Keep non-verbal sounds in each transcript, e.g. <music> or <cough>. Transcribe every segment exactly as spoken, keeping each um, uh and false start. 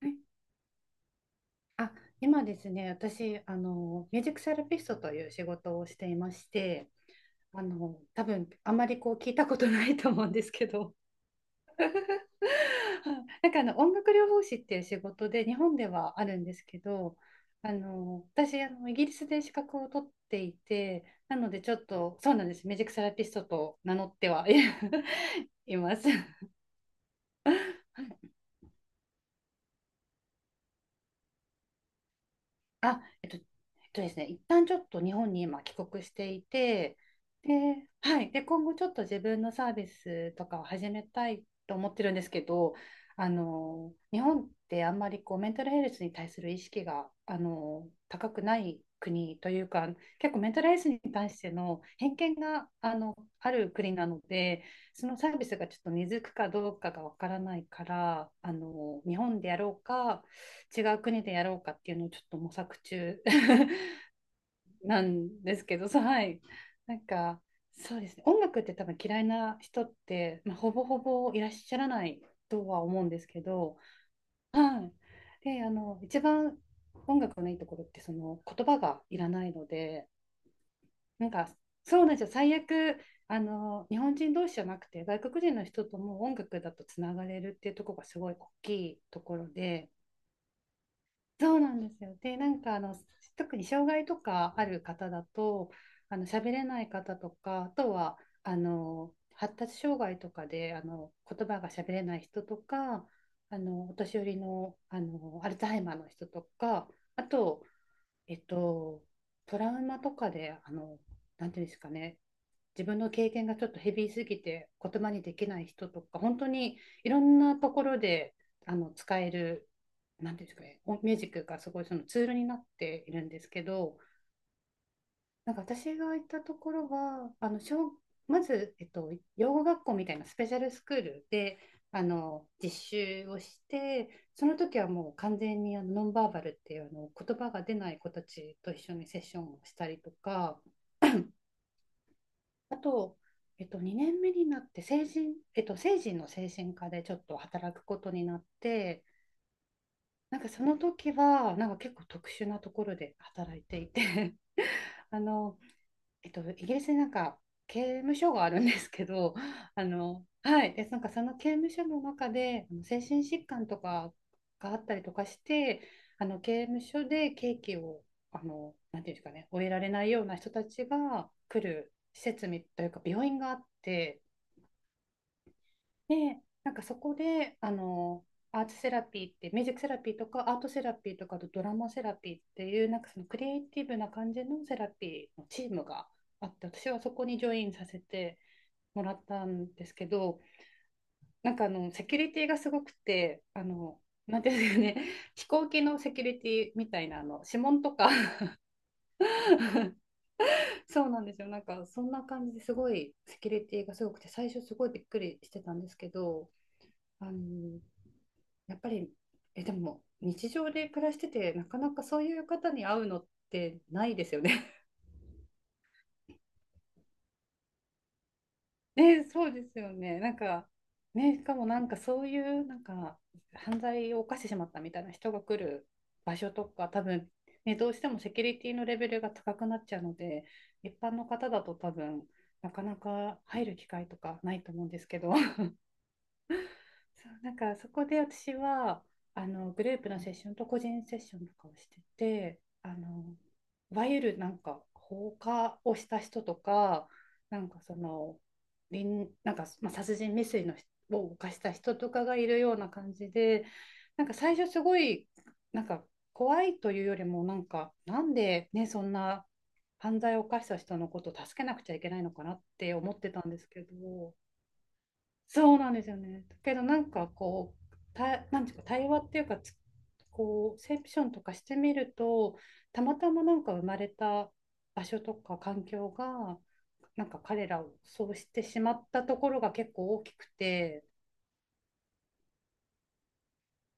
はい。あ、今ですね、私、あの、ミュージックセラピストという仕事をしていまして、あの、多分あまりこう聞いたことないと思うんですけど、<laughs> なんかあの音楽療法士っていう仕事で日本ではあるんですけど、あの、私、あの、イギリスで資格を取っていて、なのでちょっと、そうなんです、ミュージックセラピストと名乗ってはい <laughs> います。<laughs> あ、えっと、えっとですね、一旦ちょっと日本に今帰国していて、で、はい、で、今後ちょっと自分のサービスとかを始めたいと思ってるんですけど、あの、日本ってあんまりこうメンタルヘルスに対する意識が、あの、高くない国というか、結構メンタルヘルスに対しての偏見が、あの、ある国なので、そのサービスがちょっと根付くかどうかがわからないから、あの、日本でやろうか、違う国でやろうかっていうのをちょっと模索中 <laughs> なんですけど、はい。なんか、そうですね。音楽って多分嫌いな人って、まあ、ほぼほぼいらっしゃらないとは思うんですけど、はい。で、あの、一番音楽のいいところって、その言葉がいらないので、なんか、そうなんですよ。最悪、あの、日本人同士じゃなくて、外国人の人とも音楽だとつながれるっていうところがすごい大きいところで、そうなんですよ。で、なんかあの特に障害とかある方だと、あの喋れない方とか、あとはあの発達障害とかであの言葉が喋れない人とか、あのお年寄りの、あのアルツハイマーの人とか、あとえっと、トラウマとかで、あの、なんていうんですかね、自分の経験がちょっとヘビーすぎて言葉にできない人とか、本当にいろんなところであの使える、なんていうんですかね、おミュージックがすごいそのツールになっているんですけど、なんか私が行ったところは、あの小まず、えっと、養護学校みたいなスペシャルスクールであの実習をして、その時はもう完全にあのノンバーバルっていうあの言葉が出ない子たちと一緒にセッションをしたりとか、あと、えっと、にねんめになって成人、えっと、成人の精神科でちょっと働くことになって、なんかその時はなんか結構特殊なところで働いていて <laughs> あのえっと、イギリスになんか刑務所があるんですけど、<laughs> あの、はい、で、なんかその刑務所の中で、あの精神疾患とかがあったりとかして、あの刑務所で刑期を、あの、なんていうんですかね、終えられないような人たちが来る施設みというか、病院があって、で、なんかそこで、あの、アーツセラピーって、ミュージックセラピーとか、アートセラピーとか、あとドラマセラピーっていう、なんかそのクリエイティブな感じのセラピーのチームがあって、私はそこにジョインさせてもらったんですけど、なんかあの、セキュリティがすごくて、あの、なんていうんですかね、<laughs> 飛行機のセキュリティみたいな、あの、指紋とか <laughs> そうなんですよ。なんか、そんな感じですごい、セキュリティがすごくて、最初すごいびっくりしてたんですけど、あのやっぱり、え、でも日常で暮らしてて、なかなかそういう方に会うのってないですよね。<laughs> ね、そうですよね。なんか、ね、しかもなんかそういうなんか犯罪を犯してしまったみたいな人が来る場所とか、多分、ね、どうしてもセキュリティのレベルが高くなっちゃうので、一般の方だと多分、なかなか入る機会とかないと思うんですけど。<laughs> そうなんかそこで私はあのグループのセッションと個人セッションとかをしててあのいわゆるなんか放火をした人とかなんかその臨なんか、まあ、殺人未遂の人を犯した人とかがいるような感じでなんか最初すごいなんか怖いというよりもなんかなんでねそんな犯罪を犯した人のことを助けなくちゃいけないのかなって思ってたんですけどそうなんですよね。だけどなんかこう、た、なんていうか対話っていうかつ、こう、セプションとかしてみると、たまたまなんか生まれた場所とか環境が、なんか彼らをそうしてしまったところが結構大きくて、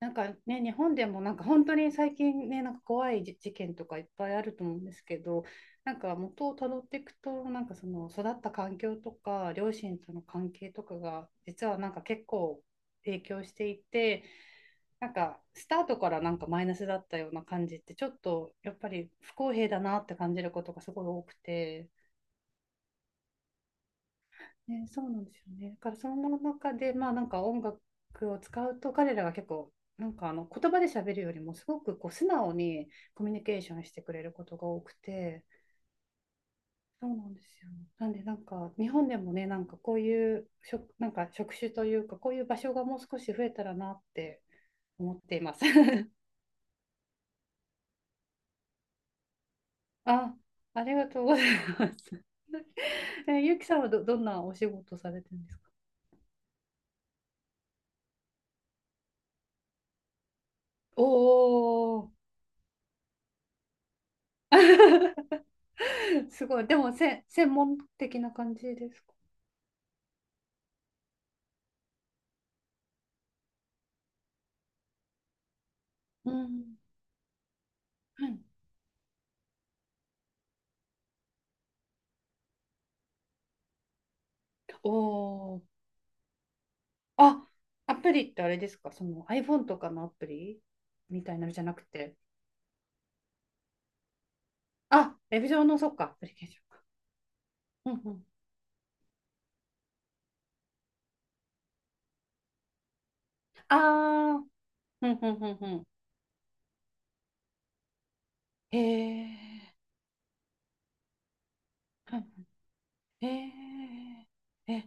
なんかね、日本でもなんか本当に最近ね、なんか怖いじ事件とかいっぱいあると思うんですけど、なんか元をたどっていくと、なんかその育った環境とか、両親との関係とかが、実はなんか結構影響していて、なんかスタートからなんかマイナスだったような感じって、ちょっとやっぱり不公平だなって感じることがすごい多くて。ね、そうなんですよね。だからその中で、まあなんか音楽を使うと彼らが結構なんかあの言葉で喋るよりもすごくこう素直にコミュニケーションしてくれることが多くて、そうなんですよね。なんでなんか日本でもね、なんかこういう職、なんか職種というかこういう場所がもう少し増えたらなって思っています。<laughs> あ、ありがとうございます。<laughs> え、ゆきさんはど、どんなお仕事されてるんですか？おおー、<laughs> すごい。でもせ、専門的な感じですか？うん。はい。おー。あ、アプリってあれですかその iPhone とかのアプリみたいなのじゃなくて。あ、ウェブ上の、そっか、アプリケーションか。うんうん。あー。うんうんうんうん。へえ。へえ。え、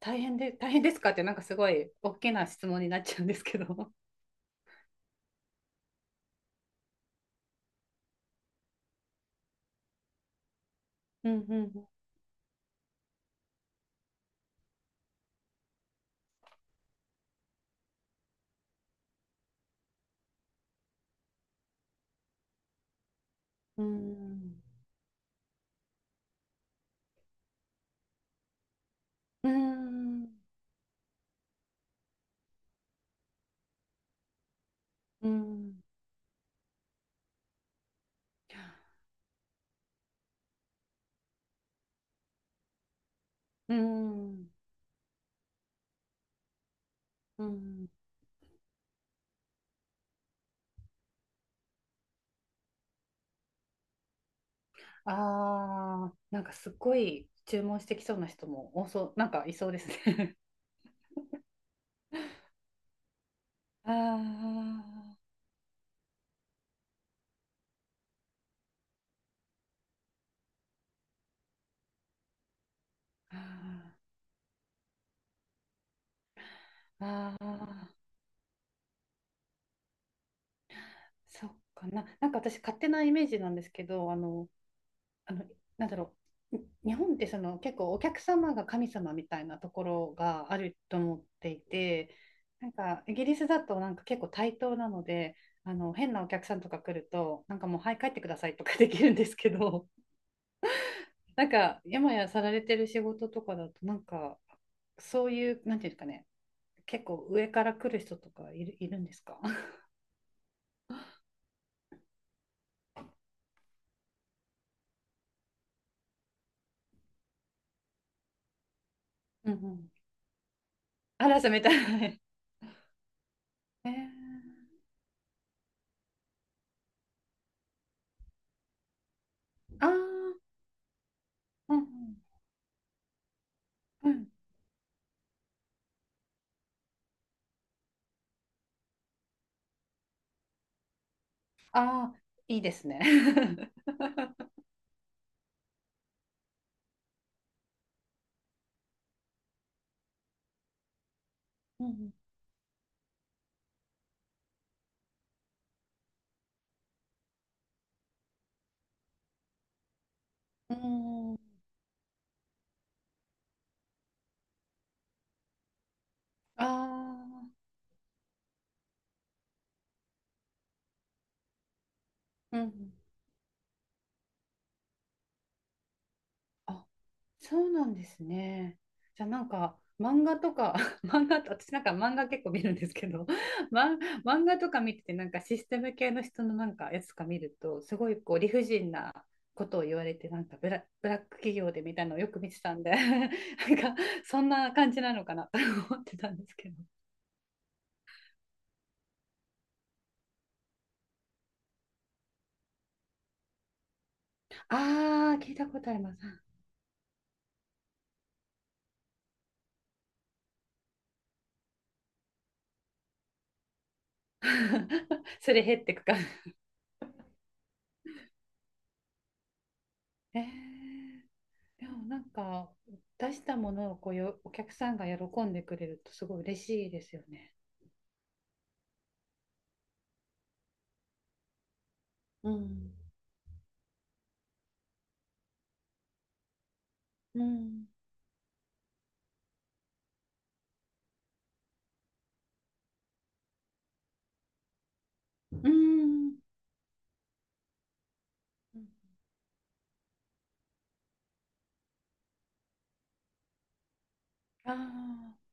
大変で、大変ですかって、なんかすごい大きな質問になっちゃうんですけど。うんうんうん。うん。うん。うん。うん。うん。ああ、なんかすっごい注文してきそうな人も多そう、なんかいそうですね。<laughs> あーあー、あー、そっかな。なんか私勝手なイメージなんですけど、あの、あの、なんだろう。に日本ってその結構お客様が神様みたいなところがあると思っていて、なんかイギリスだとなんか結構対等なので、あの変なお客さんとか来ると、なんかもうはい帰ってくださいとかできるんですけど、なんか今やさられてる仕事とかだとなんかそういうなんていうんですかね結構上から来る人とかいる、いるんですか？ <laughs> うんうん。嵐みたいなね。えー、ああ、うんうんうんああーいいですね。<laughs> うんうんうーんああうんうんあそうなんですね。じゃあなんか漫画とか <laughs> 漫画と私なんか漫画結構見るんですけど、<laughs> ま、漫画とか見ててなんかシステム系の人のなんかやつとか見るとすごいこう理不尽なことを言われてなんかブラ、ブラック企業でみたいなのをよく見てたんで <laughs> なんかそんな感じなのかなと <laughs> 思ってたんですけど。ああ聞いたことあります。<laughs> すれ減ってくか。えーでもなんか出したものをこうよお客さんが喜んでくれるとすごい嬉しいですよね。うん。うん。うん。うんああ、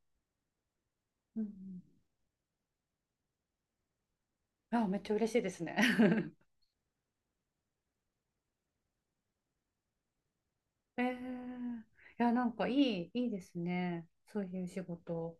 うん。ああ、めっちゃ嬉しいですね。<laughs> ええいや、なんかいい、いいですね。そういう仕事。